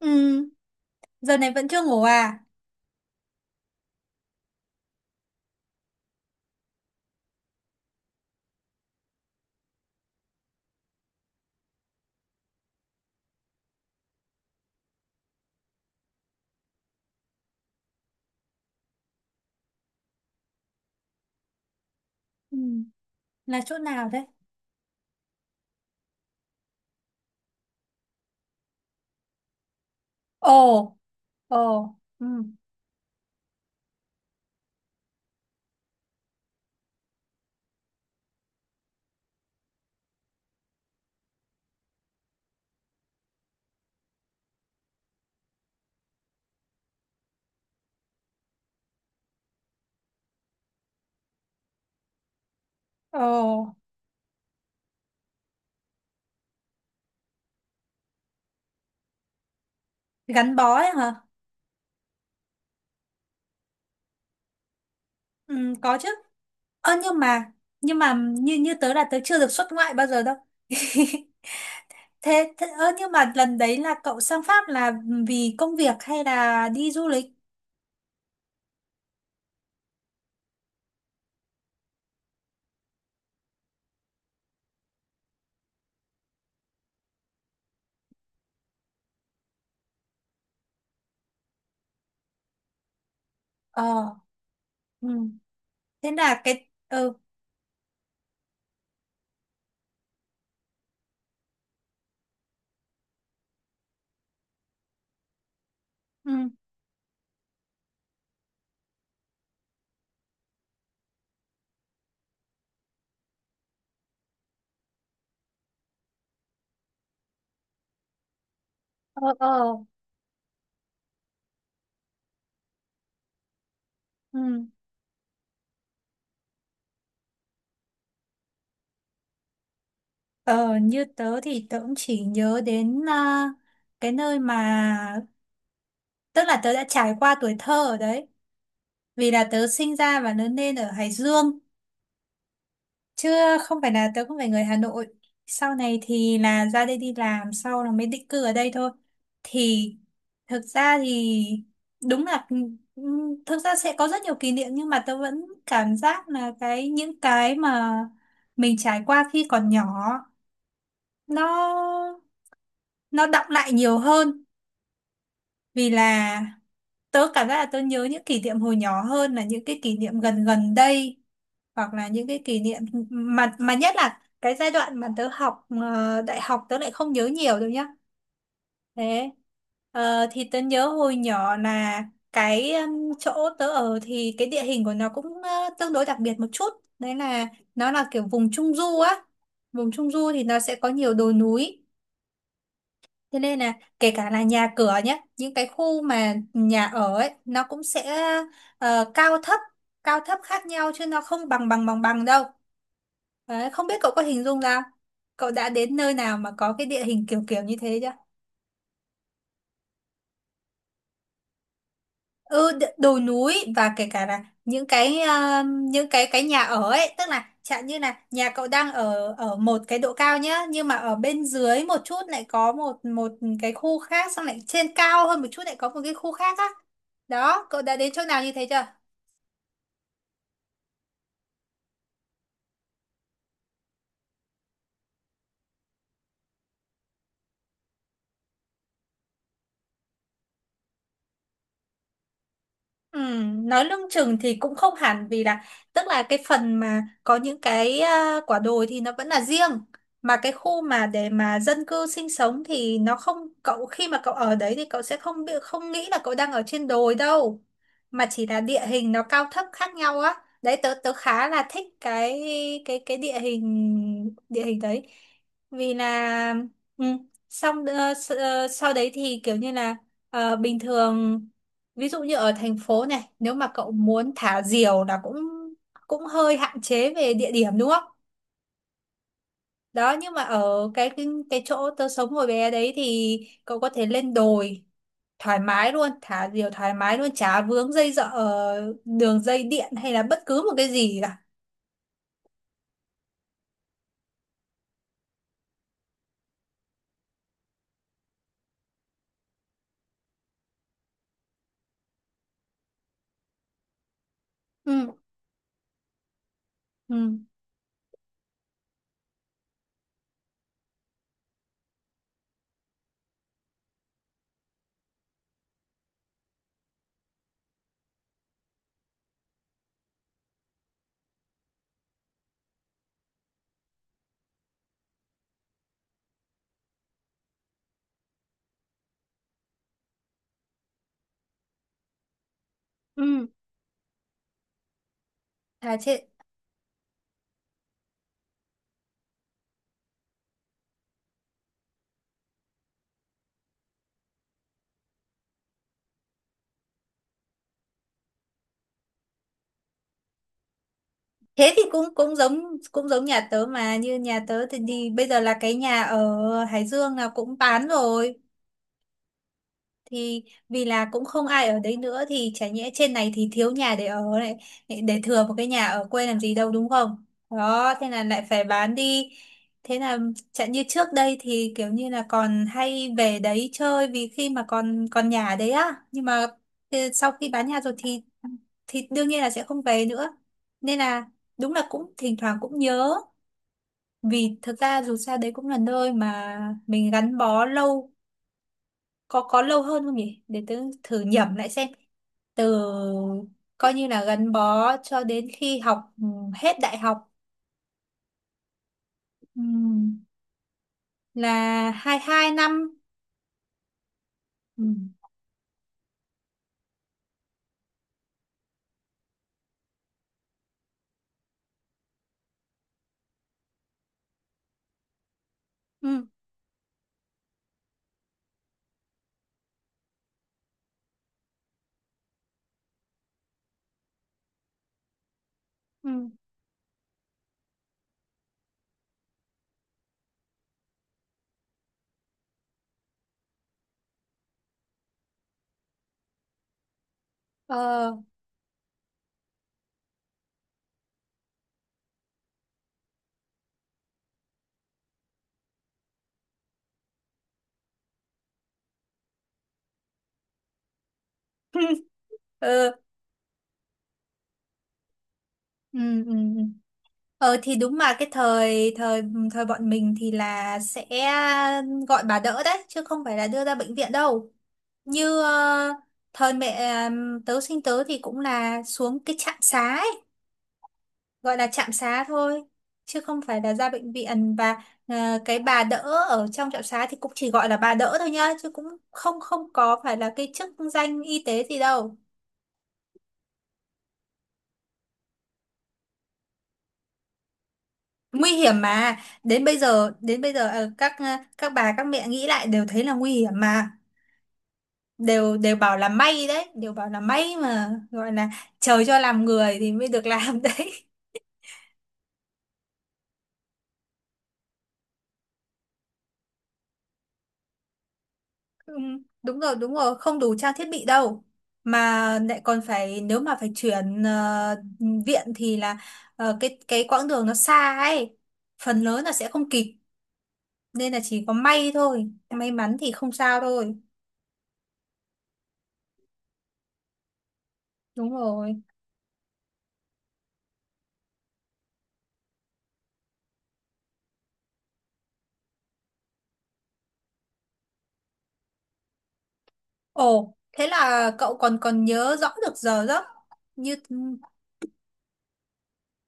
Ừ, giờ này vẫn chưa ngủ à? Ừ, là chỗ nào đấy? Ồ, ồ, ừ, ồ, gắn bó ấy hả? Ừ, có chứ. Ơ nhưng mà, như như tớ là tớ chưa được xuất ngoại bao giờ đâu. Thế, ơ nhưng mà lần đấy là cậu sang Pháp là vì công việc hay là đi du lịch? Ờ, ừ, thế là cái, ừ, ừ, ờ, ờ, ừ. Ờ, như tớ thì tớ cũng chỉ nhớ đến à, cái nơi mà. Tức là tớ đã trải qua tuổi thơ ở đấy. Vì là tớ sinh ra và lớn lên ở Hải Dương. Chứ không phải là tớ không phải người Hà Nội. Sau này thì là ra đây đi làm, sau là mới định cư ở đây thôi. Thì thực ra thì đúng là thực ra sẽ có rất nhiều kỷ niệm, nhưng mà tớ vẫn cảm giác là những cái mà mình trải qua khi còn nhỏ nó nó đọng lại nhiều hơn. Vì là tớ cảm giác là tớ nhớ những kỷ niệm hồi nhỏ hơn là những cái kỷ niệm gần gần đây, hoặc là những cái kỷ niệm mà nhất là cái giai đoạn mà tớ học đại học tớ lại không nhớ nhiều đâu nhá. Thế thì tớ nhớ hồi nhỏ là cái chỗ tớ ở thì cái địa hình của nó cũng tương đối đặc biệt một chút. Đấy là nó là kiểu vùng trung du á, vùng trung du thì nó sẽ có nhiều đồi núi. Thế nên là kể cả là nhà cửa nhé, những cái khu mà nhà ở ấy, nó cũng sẽ ờ, cao thấp, cao thấp khác nhau chứ nó không bằng bằng bằng bằng đâu. Đấy, không biết cậu có hình dung ra, cậu đã đến nơi nào mà có cái địa hình kiểu kiểu như thế chưa? Ừ, đồi núi, và kể cả là những cái những cái nhà ở ấy, tức là chẳng như là nhà cậu đang ở ở một cái độ cao nhá, nhưng mà ở bên dưới một chút lại có một một cái khu khác, xong lại trên cao hơn một chút lại có một cái khu khác á. Đó, cậu đã đến chỗ nào như thế chưa? Ừ, nói lưng chừng thì cũng không hẳn, vì là tức là cái phần mà có những cái à, quả đồi thì nó vẫn là riêng, mà cái khu mà để mà dân cư sinh sống thì nó không, cậu khi mà cậu ở đấy thì cậu sẽ không bị không nghĩ là cậu đang ở trên đồi đâu, mà chỉ là địa hình nó cao thấp khác nhau á. Đấy tớ tớ khá là thích cái cái địa hình đấy. Vì là ừ, xong sau đấy thì kiểu như là bình thường. Ví dụ như ở thành phố này, nếu mà cậu muốn thả diều là cũng cũng hơi hạn chế về địa điểm đúng không? Đó, nhưng mà ở cái chỗ tớ sống hồi bé đấy thì cậu có thể lên đồi thoải mái luôn, thả diều thoải mái luôn, chả vướng dây dợ đường dây điện hay là bất cứ một cái gì cả. Ừ, ừ, ừ. À, thế, thì cũng cũng giống nhà tớ, mà như nhà tớ thì bây giờ là cái nhà ở Hải Dương là cũng bán rồi. Thì vì là cũng không ai ở đấy nữa, thì chả nhẽ trên này thì thiếu nhà để ở này, để thừa một cái nhà ở quê làm gì đâu đúng không. Đó thế là lại phải bán đi. Thế là chẳng như trước đây thì kiểu như là còn hay về đấy chơi vì khi mà còn còn nhà đấy á, nhưng mà thì sau khi bán nhà rồi thì đương nhiên là sẽ không về nữa. Nên là đúng là cũng thỉnh thoảng cũng nhớ, vì thực ra dù sao đấy cũng là nơi mà mình gắn bó lâu. Có lâu hơn không nhỉ, để tớ thử nhẩm lại xem. Từ coi như là gắn bó cho đến khi học ừ, hết đại học, ừ, là 22 năm. Ừ, ừ, ừ, ờ. Ờ, ừ, ừ, ừ. Ờ thì đúng, mà cái thời thời ừ, thời bọn mình thì là sẽ gọi bà đỡ đấy chứ không phải là đưa ra bệnh viện đâu, như thời mẹ tớ sinh tớ thì cũng là xuống cái trạm xá ấy. Gọi là trạm xá thôi chứ không phải là ra bệnh viện, và à, cái bà đỡ ở trong trạm xá thì cũng chỉ gọi là bà đỡ thôi nhá, chứ cũng không không có phải là cái chức danh y tế gì đâu. Nguy hiểm mà, đến bây giờ các bà các mẹ nghĩ lại đều thấy là nguy hiểm mà. Đều đều bảo là may đấy, đều bảo là may mà gọi là trời cho làm người thì mới được làm đấy. Đúng rồi đúng rồi, không đủ trang thiết bị đâu, mà lại còn phải nếu mà phải chuyển viện thì là cái quãng đường nó xa ấy, phần lớn là sẽ không kịp, nên là chỉ có may thôi, may mắn thì không sao thôi. Đúng rồi. Ồ thế là cậu còn còn nhớ rõ được giờ giấc. như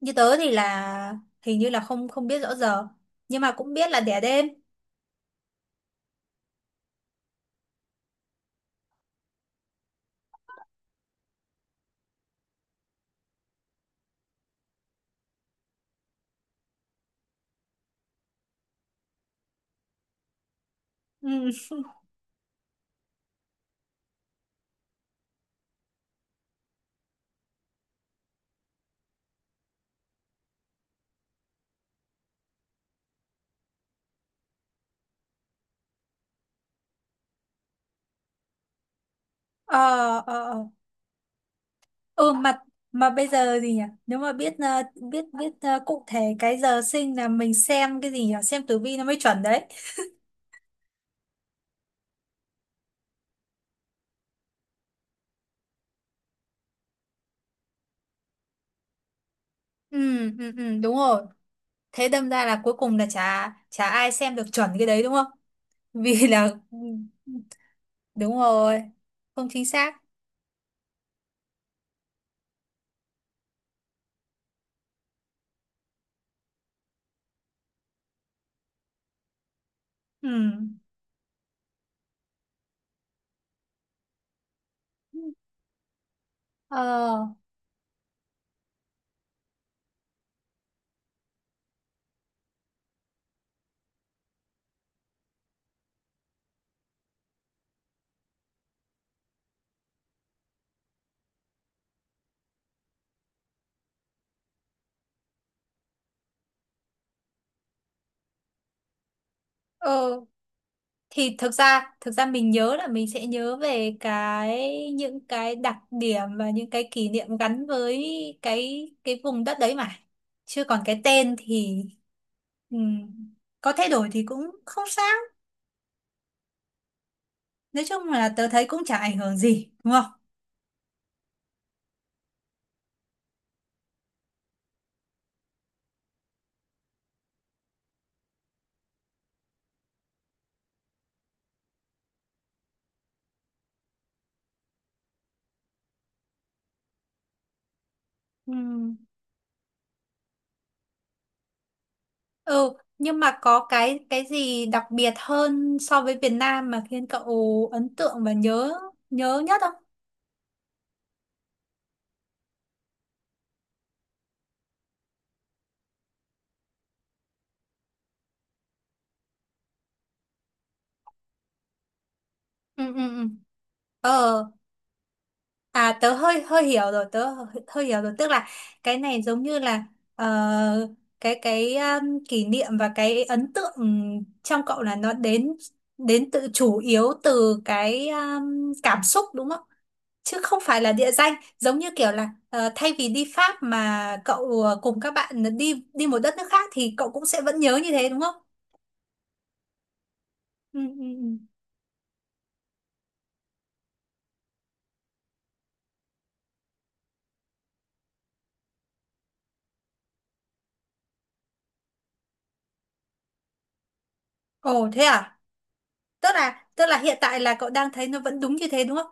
như tớ thì là hình như là không không biết rõ giờ, nhưng mà cũng biết là đẻ đêm. Ừ. Ờ, ờ, ờ. Ừ mà bây giờ gì nhỉ, nếu mà biết biết biết cụ thể cái giờ sinh là mình xem cái gì nhỉ, xem tử vi nó mới chuẩn đấy. Ừ, ừ, ừ, đúng rồi. Thế đâm ra là cuối cùng là chả chả ai xem được chuẩn cái đấy đúng không. Vì là đúng rồi, không chính xác. Ừ, ờ, ờ, thì thực ra mình nhớ là mình sẽ nhớ về những cái đặc điểm và những cái kỷ niệm gắn với cái vùng đất đấy mà, chứ còn cái tên thì ừm, có thay đổi thì cũng không sao. Nói chung là tớ thấy cũng chả ảnh hưởng gì đúng không. Ừm. Ừ nhưng mà có cái gì đặc biệt hơn so với Việt Nam mà khiến cậu ấn tượng và nhớ nhớ nhất không? Ừ, ừ, ừ, ờ. À tớ hơi hơi hiểu rồi, tớ hơi, hơi hiểu rồi, tức là cái này giống như là ờ, cái kỷ niệm và cái ấn tượng trong cậu là nó đến đến tự chủ yếu từ cái cảm xúc đúng không? Chứ không phải là địa danh, giống như kiểu là thay vì đi Pháp mà cậu cùng các bạn đi đi một đất nước khác thì cậu cũng sẽ vẫn nhớ như thế đúng không? Ừ, ừ, ừ. Ồ thế à? Tức là hiện tại là cậu đang thấy nó vẫn đúng như thế đúng không?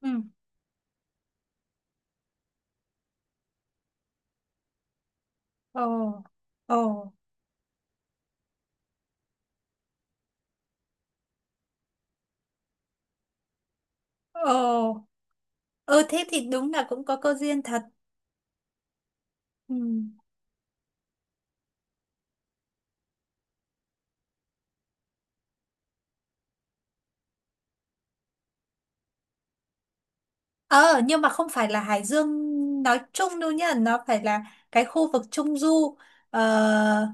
Ừ. Ồ. Ồ. Ồ, ừ thế thì đúng là cũng có cơ duyên thật. Ừ. Ờ, nhưng mà không phải là Hải Dương nói chung đâu nhá, nó phải là cái khu vực Trung Du. Ờ,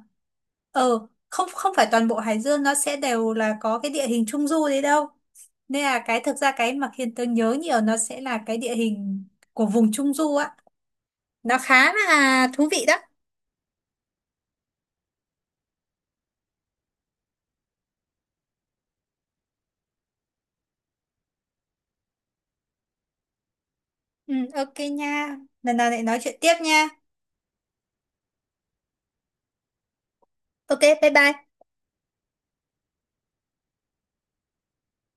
ờ, không không phải toàn bộ Hải Dương nó sẽ đều là có cái địa hình Trung Du đấy đâu. Nên là cái thực ra cái mà khiến tớ nhớ nhiều nó sẽ là cái địa hình của vùng Trung Du á. Nó khá là thú vị đó. Ừ, ok nha. Lần nào lại nói chuyện tiếp nha. Ok, bye bye.